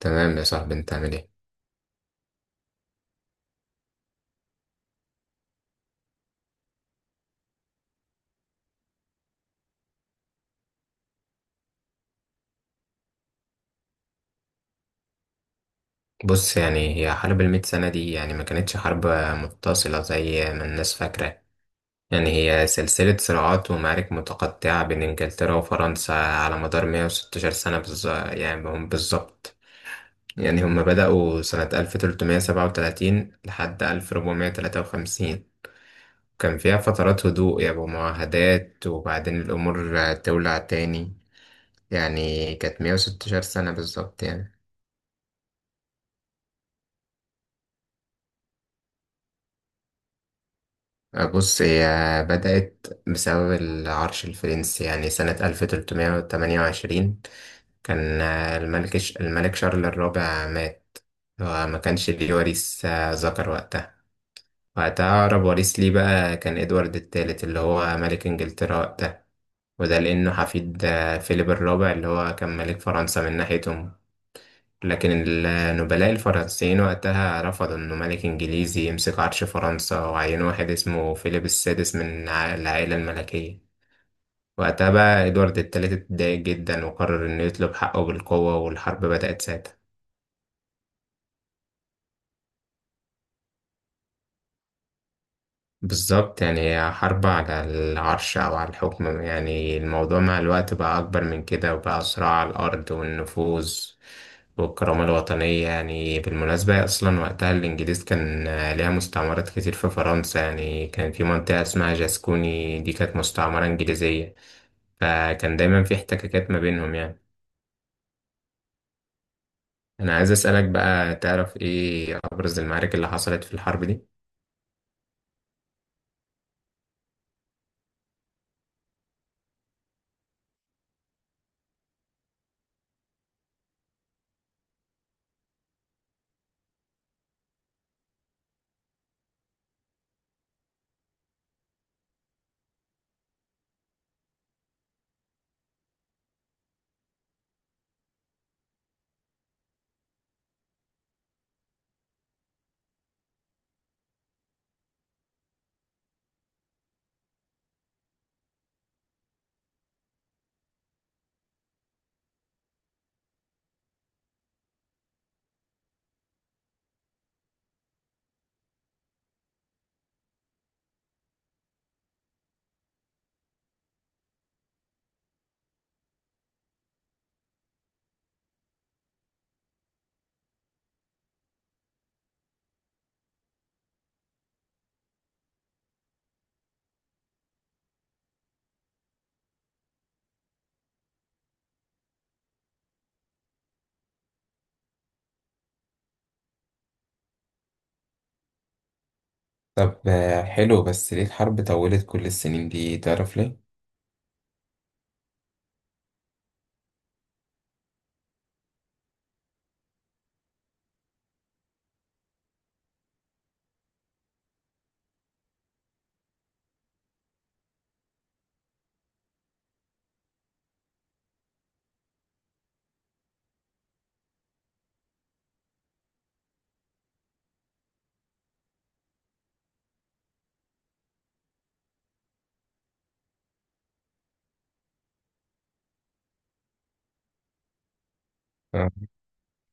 تمام يا صاحبي، انت عامل ايه؟ بص، يعني هي حرب المئة سنة دي يعني ما كانتش حرب متصلة زي ما الناس فاكرة. يعني هي سلسلة صراعات ومعارك متقطعة بين انجلترا وفرنسا على مدار 116 سنة بالظبط. يعني هم بدأوا سنة 1337 لحد 1453. كان فيها فترات هدوء يعني ومعاهدات وبعدين الأمور تولع تاني. يعني كانت 116 سنة بالظبط يعني. بص، هي بدأت بسبب العرش الفرنسي يعني سنة 1328. كان الملك شارل الرابع مات. هو ما كانش ليه وريث ذكر وقتها. وقتها أقرب وريث ليه بقى كان إدوارد الثالث اللي هو ملك إنجلترا وقتها. وده لأنه حفيد فيليب الرابع اللي هو كان ملك فرنسا من ناحيتهم. لكن النبلاء الفرنسيين وقتها رفضوا إنه ملك إنجليزي يمسك عرش فرنسا، وعينوا واحد اسمه فيليب السادس من العائلة الملكية. وقتها بقى إدوارد الثالث اتضايق جدا وقرر إنه يطلب حقه بالقوة، والحرب بدأت ساعتها. بالظبط، يعني هي حرب على العرش أو على الحكم، يعني الموضوع مع الوقت بقى أكبر من كده وبقى صراع على الأرض والنفوذ والكرامة الوطنية. يعني بالمناسبة، هي أصلا وقتها الإنجليز كان ليها مستعمرات كتير في فرنسا. يعني كان في منطقة اسمها جاسكوني، دي كانت مستعمرة إنجليزية. فكان دايما في احتكاكات ما بينهم يعني. أنا عايز أسألك بقى، تعرف إيه أبرز المعارك اللي حصلت في الحرب دي؟ طب حلو، بس ليه الحرب طولت كل السنين دي، تعرف ليه؟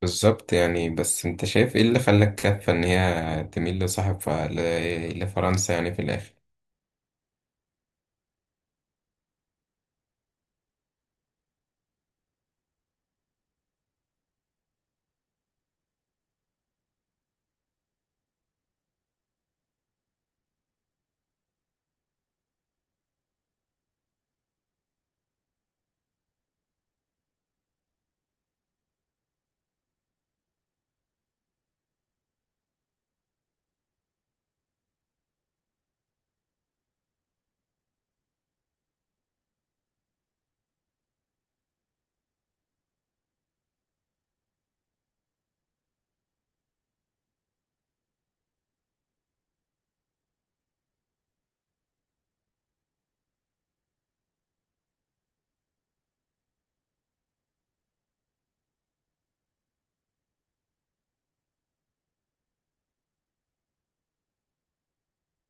بالظبط، يعني بس انت شايف ايه اللي خلاك كفة ان هي تميل لصاحب لفرنسا يعني في الاخر؟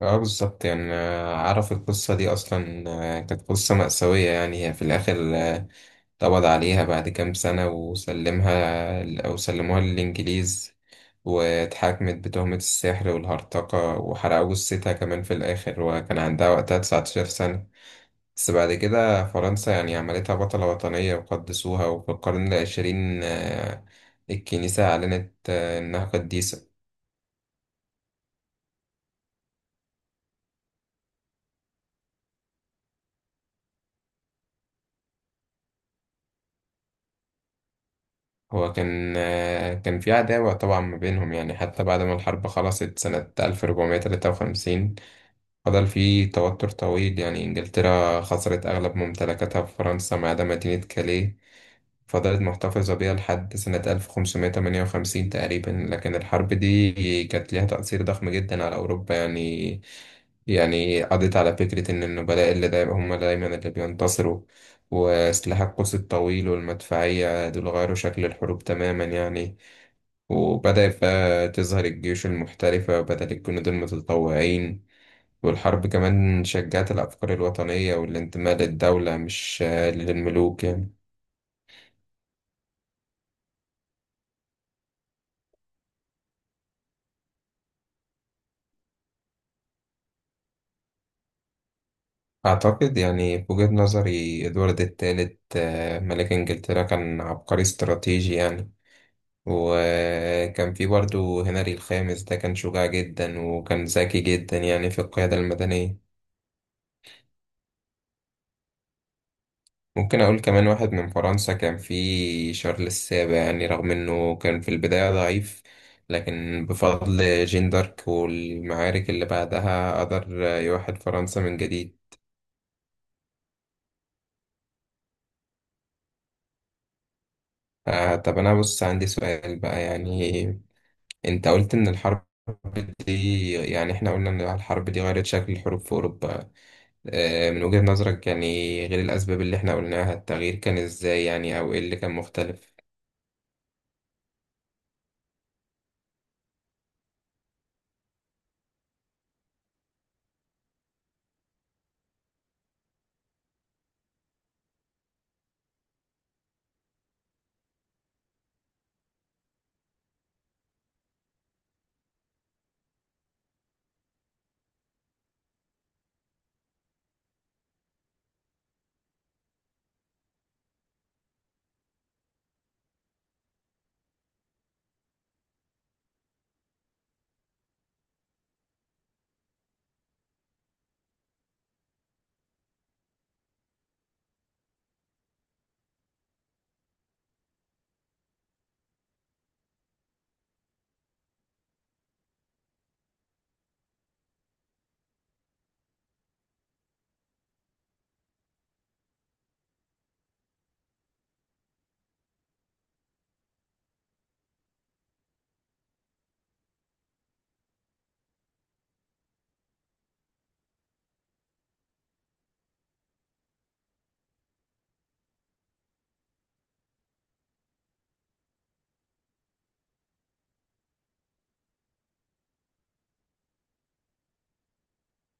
اه بالظبط، يعني اعرف القصة دي اصلا. كانت قصة مأساوية، يعني هي في الاخر اتقبض عليها بعد كام سنة وسلمها او سلموها للانجليز. واتحاكمت بتهمة السحر والهرطقة، وحرقوا جثتها كمان في الاخر، وكان عندها وقتها 19 سنة. بس بعد كده فرنسا يعني عملتها بطلة وطنية وقدسوها، وفي القرن العشرين الكنيسة أعلنت إنها قديسة. هو كان في عداوة طبعا ما بينهم، يعني حتى بعد ما الحرب خلصت سنة 1453 فضل في توتر طويل. يعني إنجلترا خسرت أغلب ممتلكاتها في فرنسا ما عدا مدينة كاليه، فضلت محتفظة بيها لحد سنة 1558 تقريبا. لكن الحرب دي كانت ليها تأثير ضخم جدا على أوروبا يعني. يعني قضيت على فكرة إن النبلاء اللي دايما هم دايما اللي بينتصروا، وسلاح القوس الطويل والمدفعية دول غيروا شكل الحروب تماما يعني. وبدأت بقى تظهر الجيوش المحترفة بدل الجنود المتطوعين. والحرب كمان شجعت الأفكار الوطنية والانتماء للدولة، مش للملوك يعني. أعتقد يعني في وجهة نظري إدوارد الثالث ملك إنجلترا كان عبقري استراتيجي يعني. وكان في برضه هنري الخامس، ده كان شجاع جدا وكان ذكي جدا يعني في القيادة المدنية. ممكن أقول كمان واحد من فرنسا كان في شارل السابع، يعني رغم إنه كان في البداية ضعيف، لكن بفضل جين دارك والمعارك اللي بعدها قدر يوحد فرنسا من جديد. آه طب، أنا بص عندي سؤال بقى يعني. أنت قلت إن الحرب دي، يعني إحنا قلنا إن الحرب دي غيرت شكل الحروب في أوروبا. من وجهة نظرك يعني، غير الأسباب اللي احنا قلناها، التغيير كان ازاي يعني، أو ايه اللي كان مختلف؟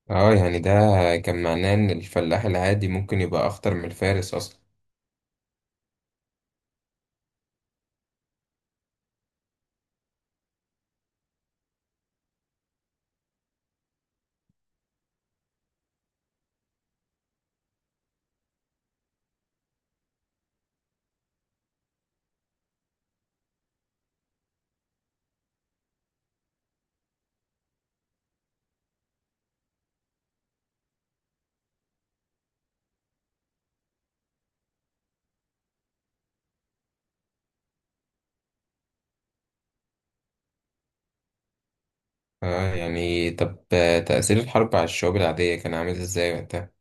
اه يعني ده كان معناه إن الفلاح العادي ممكن يبقى أخطر من الفارس أصلا. اه يعني طب، تأثير الحرب على الشعوب العادية كان عامل ازاي وقتها؟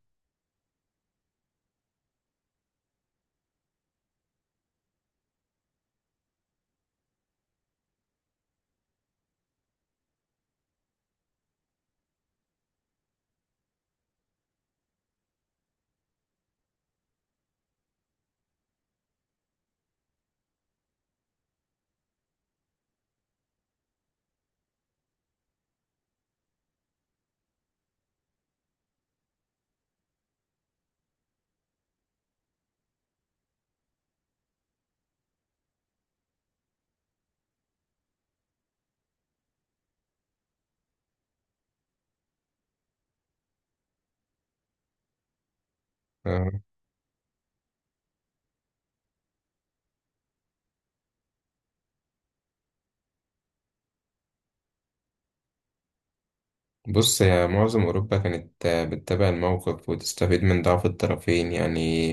آه، بص يا معظم أوروبا كانت بتتابع الموقف وتستفيد من ضعف الطرفين يعني.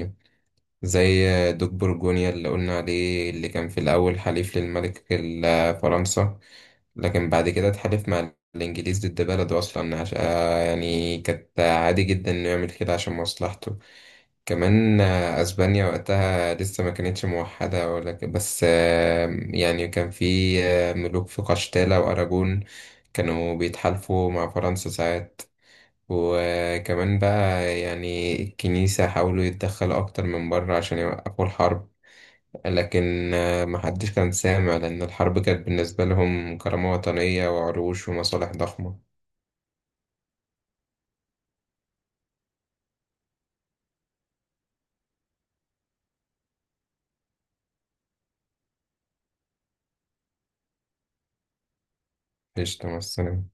زي دوك برجونيا اللي قلنا عليه، اللي كان في الأول حليف للملك فرنسا. لكن بعد كده اتحالف مع الإنجليز ضد بلده أصلا، عشان يعني كانت عادي جدا إنه يعمل كده عشان مصلحته. كمان أسبانيا وقتها لسه ما كانتش موحدة، ولكن بس يعني كان في ملوك في قشتالة وأراجون كانوا بيتحالفوا مع فرنسا ساعات. وكمان بقى يعني الكنيسة حاولوا يتدخلوا أكتر من بره عشان يوقفوا الحرب، لكن محدش كان سامع، لأن الحرب كانت بالنسبة لهم كرامة وطنية وعروش ومصالح ضخمة. قشطة، مع السلامة.